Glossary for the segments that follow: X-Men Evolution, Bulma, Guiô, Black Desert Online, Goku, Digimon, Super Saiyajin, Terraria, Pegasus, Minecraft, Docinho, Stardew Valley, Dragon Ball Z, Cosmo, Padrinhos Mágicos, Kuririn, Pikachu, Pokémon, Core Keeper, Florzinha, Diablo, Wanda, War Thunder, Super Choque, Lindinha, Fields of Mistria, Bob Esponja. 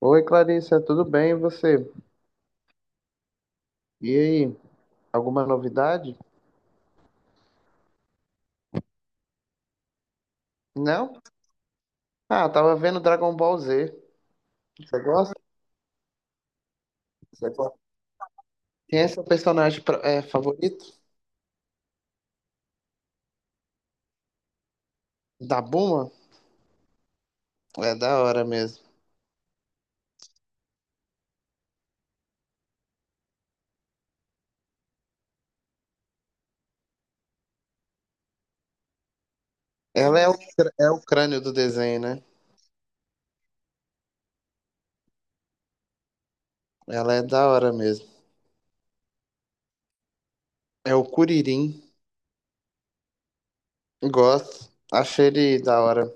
Oi, Clarissa, tudo bem? E você? E aí, alguma novidade? Não? Ah, tava vendo Dragon Ball Z. Você gosta? Você gosta? Quem é seu personagem favorito? Da Bulma? É da hora mesmo. Ela é o crânio do desenho, né? Ela é da hora mesmo. É o Kuririn. Gosto. Achei ele da hora.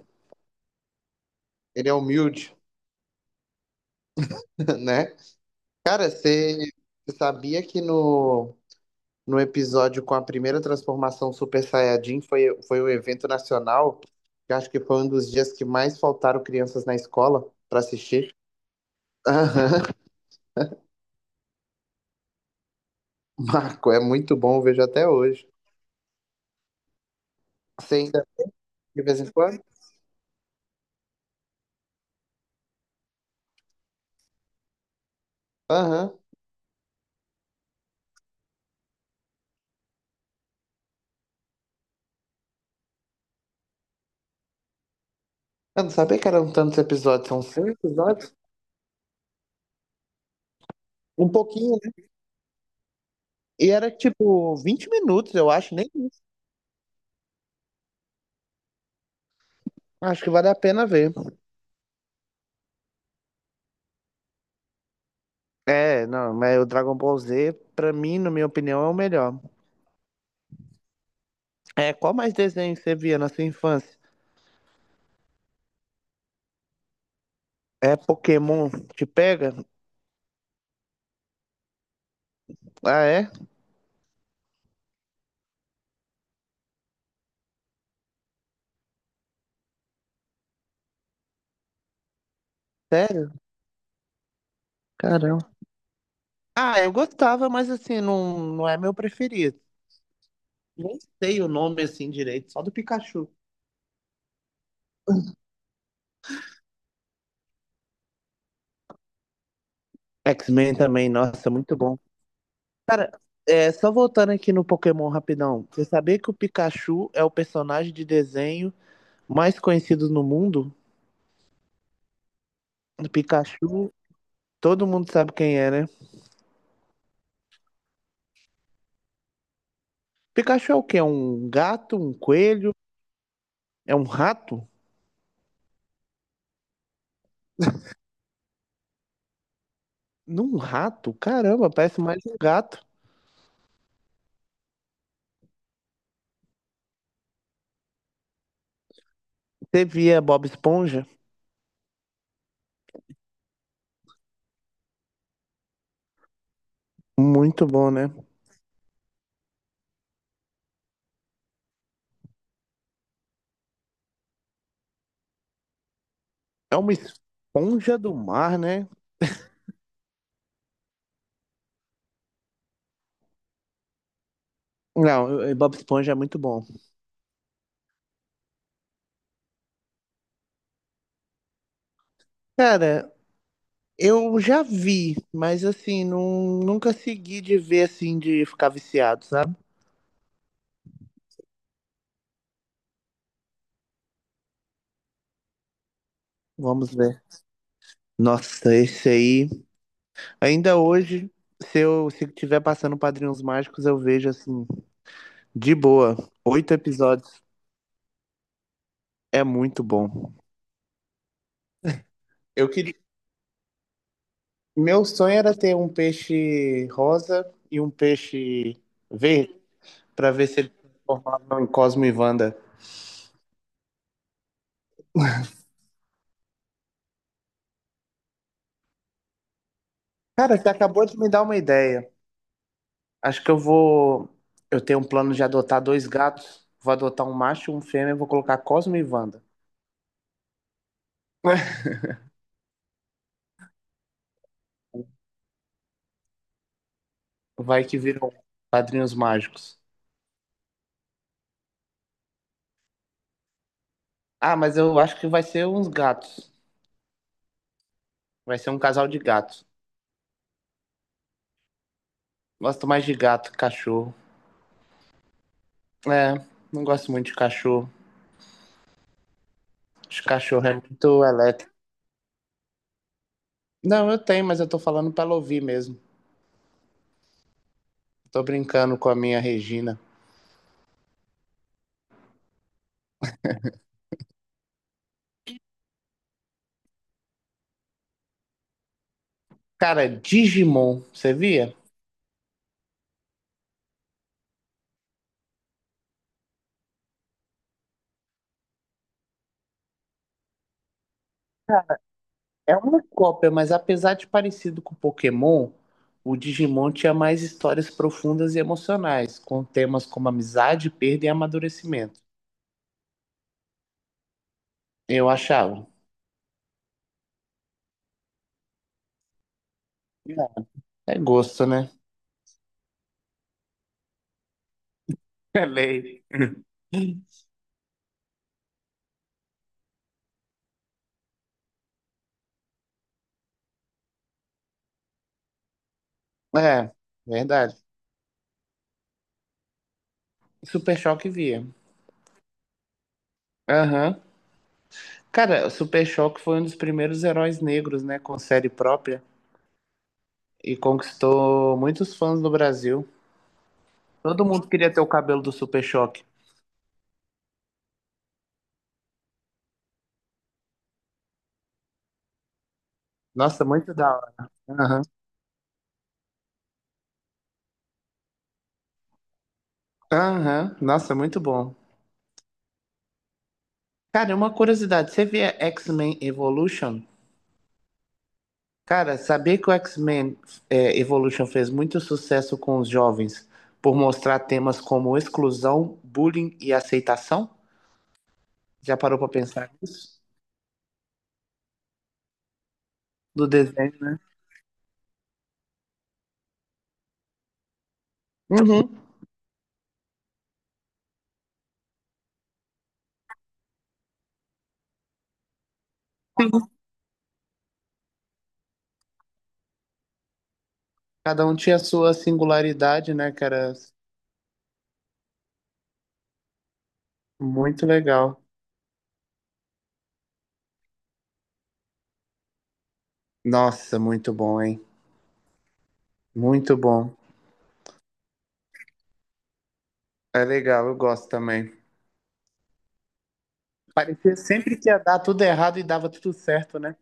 Ele é humilde, né? Cara, você sabia que no episódio com a primeira transformação Super Saiyajin, foi um evento nacional, que eu acho que foi um dos dias que mais faltaram crianças na escola para assistir. Aham. Marco, é muito bom, eu vejo até hoje. Você ainda de vez em quando? Aham. Eu não sabia que eram tantos episódios, são cinco episódios? Um pouquinho, né? E era tipo 20 minutos, eu acho, nem. Acho que vale a pena ver. É, não, mas o Dragon Ball Z, pra mim, na minha opinião, é o melhor. É, qual mais desenho você via na sua infância? É Pokémon te pega? Ah, é? Sério? Caramba. Ah, eu gostava, mas assim, não, não é meu preferido. Nem sei o nome assim direito, só do Pikachu. X-Men também, nossa, muito bom. Cara, é, só voltando aqui no Pokémon rapidão. Você sabia que o Pikachu é o personagem de desenho mais conhecido no mundo? O Pikachu, todo mundo sabe quem é, né? Pikachu é o quê? É um gato, um coelho? É um rato? Num rato? Caramba, parece mais um gato. Você via Bob Esponja? Muito bom, né? É uma esponja do mar, né? Não, eu- Bob Esponja é muito bom. Cara, eu já vi, mas assim, não, nunca segui de ver assim, de ficar viciado, sabe? Vamos ver. Nossa, esse aí. Ainda hoje, se tiver passando Padrinhos Mágicos, eu vejo assim, de boa. Oito episódios. É muito bom. Eu queria. Meu sonho era ter um peixe rosa e um peixe verde, pra ver se eles transformavam em Cosmo e Wanda. Cara, você acabou de me dar uma ideia. Acho que eu vou. Eu tenho um plano de adotar dois gatos. Vou adotar um macho e um fêmea, e vou colocar Cosmo e Wanda. Vai que viram padrinhos mágicos. Ah, mas eu acho que vai ser uns gatos. Vai ser um casal de gatos. Gosto mais de gato que cachorro. É, não gosto muito de cachorro. Acho que cachorro é muito elétrico. Não, eu tenho, mas eu tô falando pra ela ouvir mesmo. Tô brincando com a minha Regina. Cara, Digimon, você via? É uma cópia, mas apesar de parecido com Pokémon, o Digimon tinha mais histórias profundas e emocionais, com temas como amizade, perda e amadurecimento. Eu achava. É gosto, né? É lei. É, verdade. Super Choque via. Aham. Cara, Super Choque foi um dos primeiros heróis negros, né, com série própria e conquistou muitos fãs no Brasil. Todo mundo queria ter o cabelo do Super Choque. Nossa, muito da hora. Aham. Aham, nossa, muito bom. Cara, uma curiosidade, você via X-Men Evolution? Cara, sabia que o X-Men Evolution fez muito sucesso com os jovens por mostrar temas como exclusão, bullying e aceitação? Já parou pra pensar nisso? Do desenho? Uhum. Cada um tinha sua singularidade, né, cara? Muito legal. Nossa, muito bom, hein? Muito bom. É legal, eu gosto também. Parecia sempre que ia dar tudo errado e dava tudo certo, né?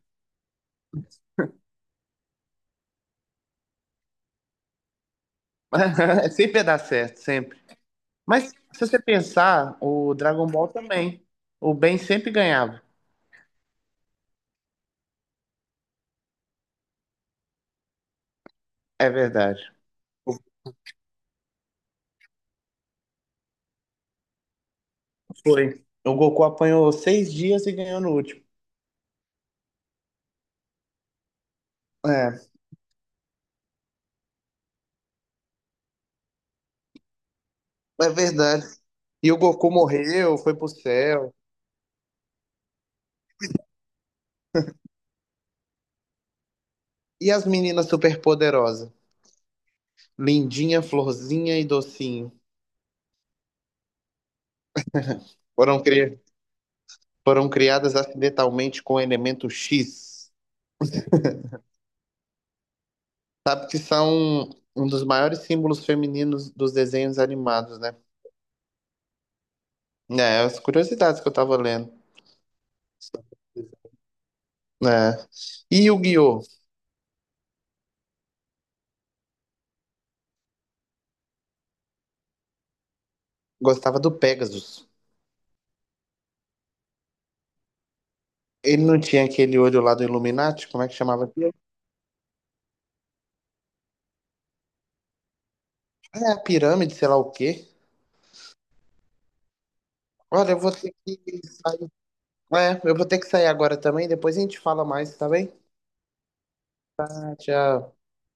Sempre ia dar certo, sempre. Mas se você pensar, o Dragon Ball também. O Ben sempre ganhava. É verdade. Foi. O Goku apanhou 6 dias e ganhou no último. É, é verdade. E o Goku morreu, foi pro céu. E as meninas superpoderosas? Lindinha, Florzinha e Docinho. Foram, cri... foram criadas acidentalmente com o elemento X, que são um dos maiores símbolos femininos dos desenhos animados, né? É, as curiosidades que eu tava lendo. É. E o Guiô gostava do Pegasus. Ele não tinha aquele olho lá do Illuminati, como é que chamava aquilo? É, a pirâmide, sei lá o quê. Olha, eu vou ter que sair. É, eu vou ter que sair agora também, depois a gente fala mais, tá bem? Tchau.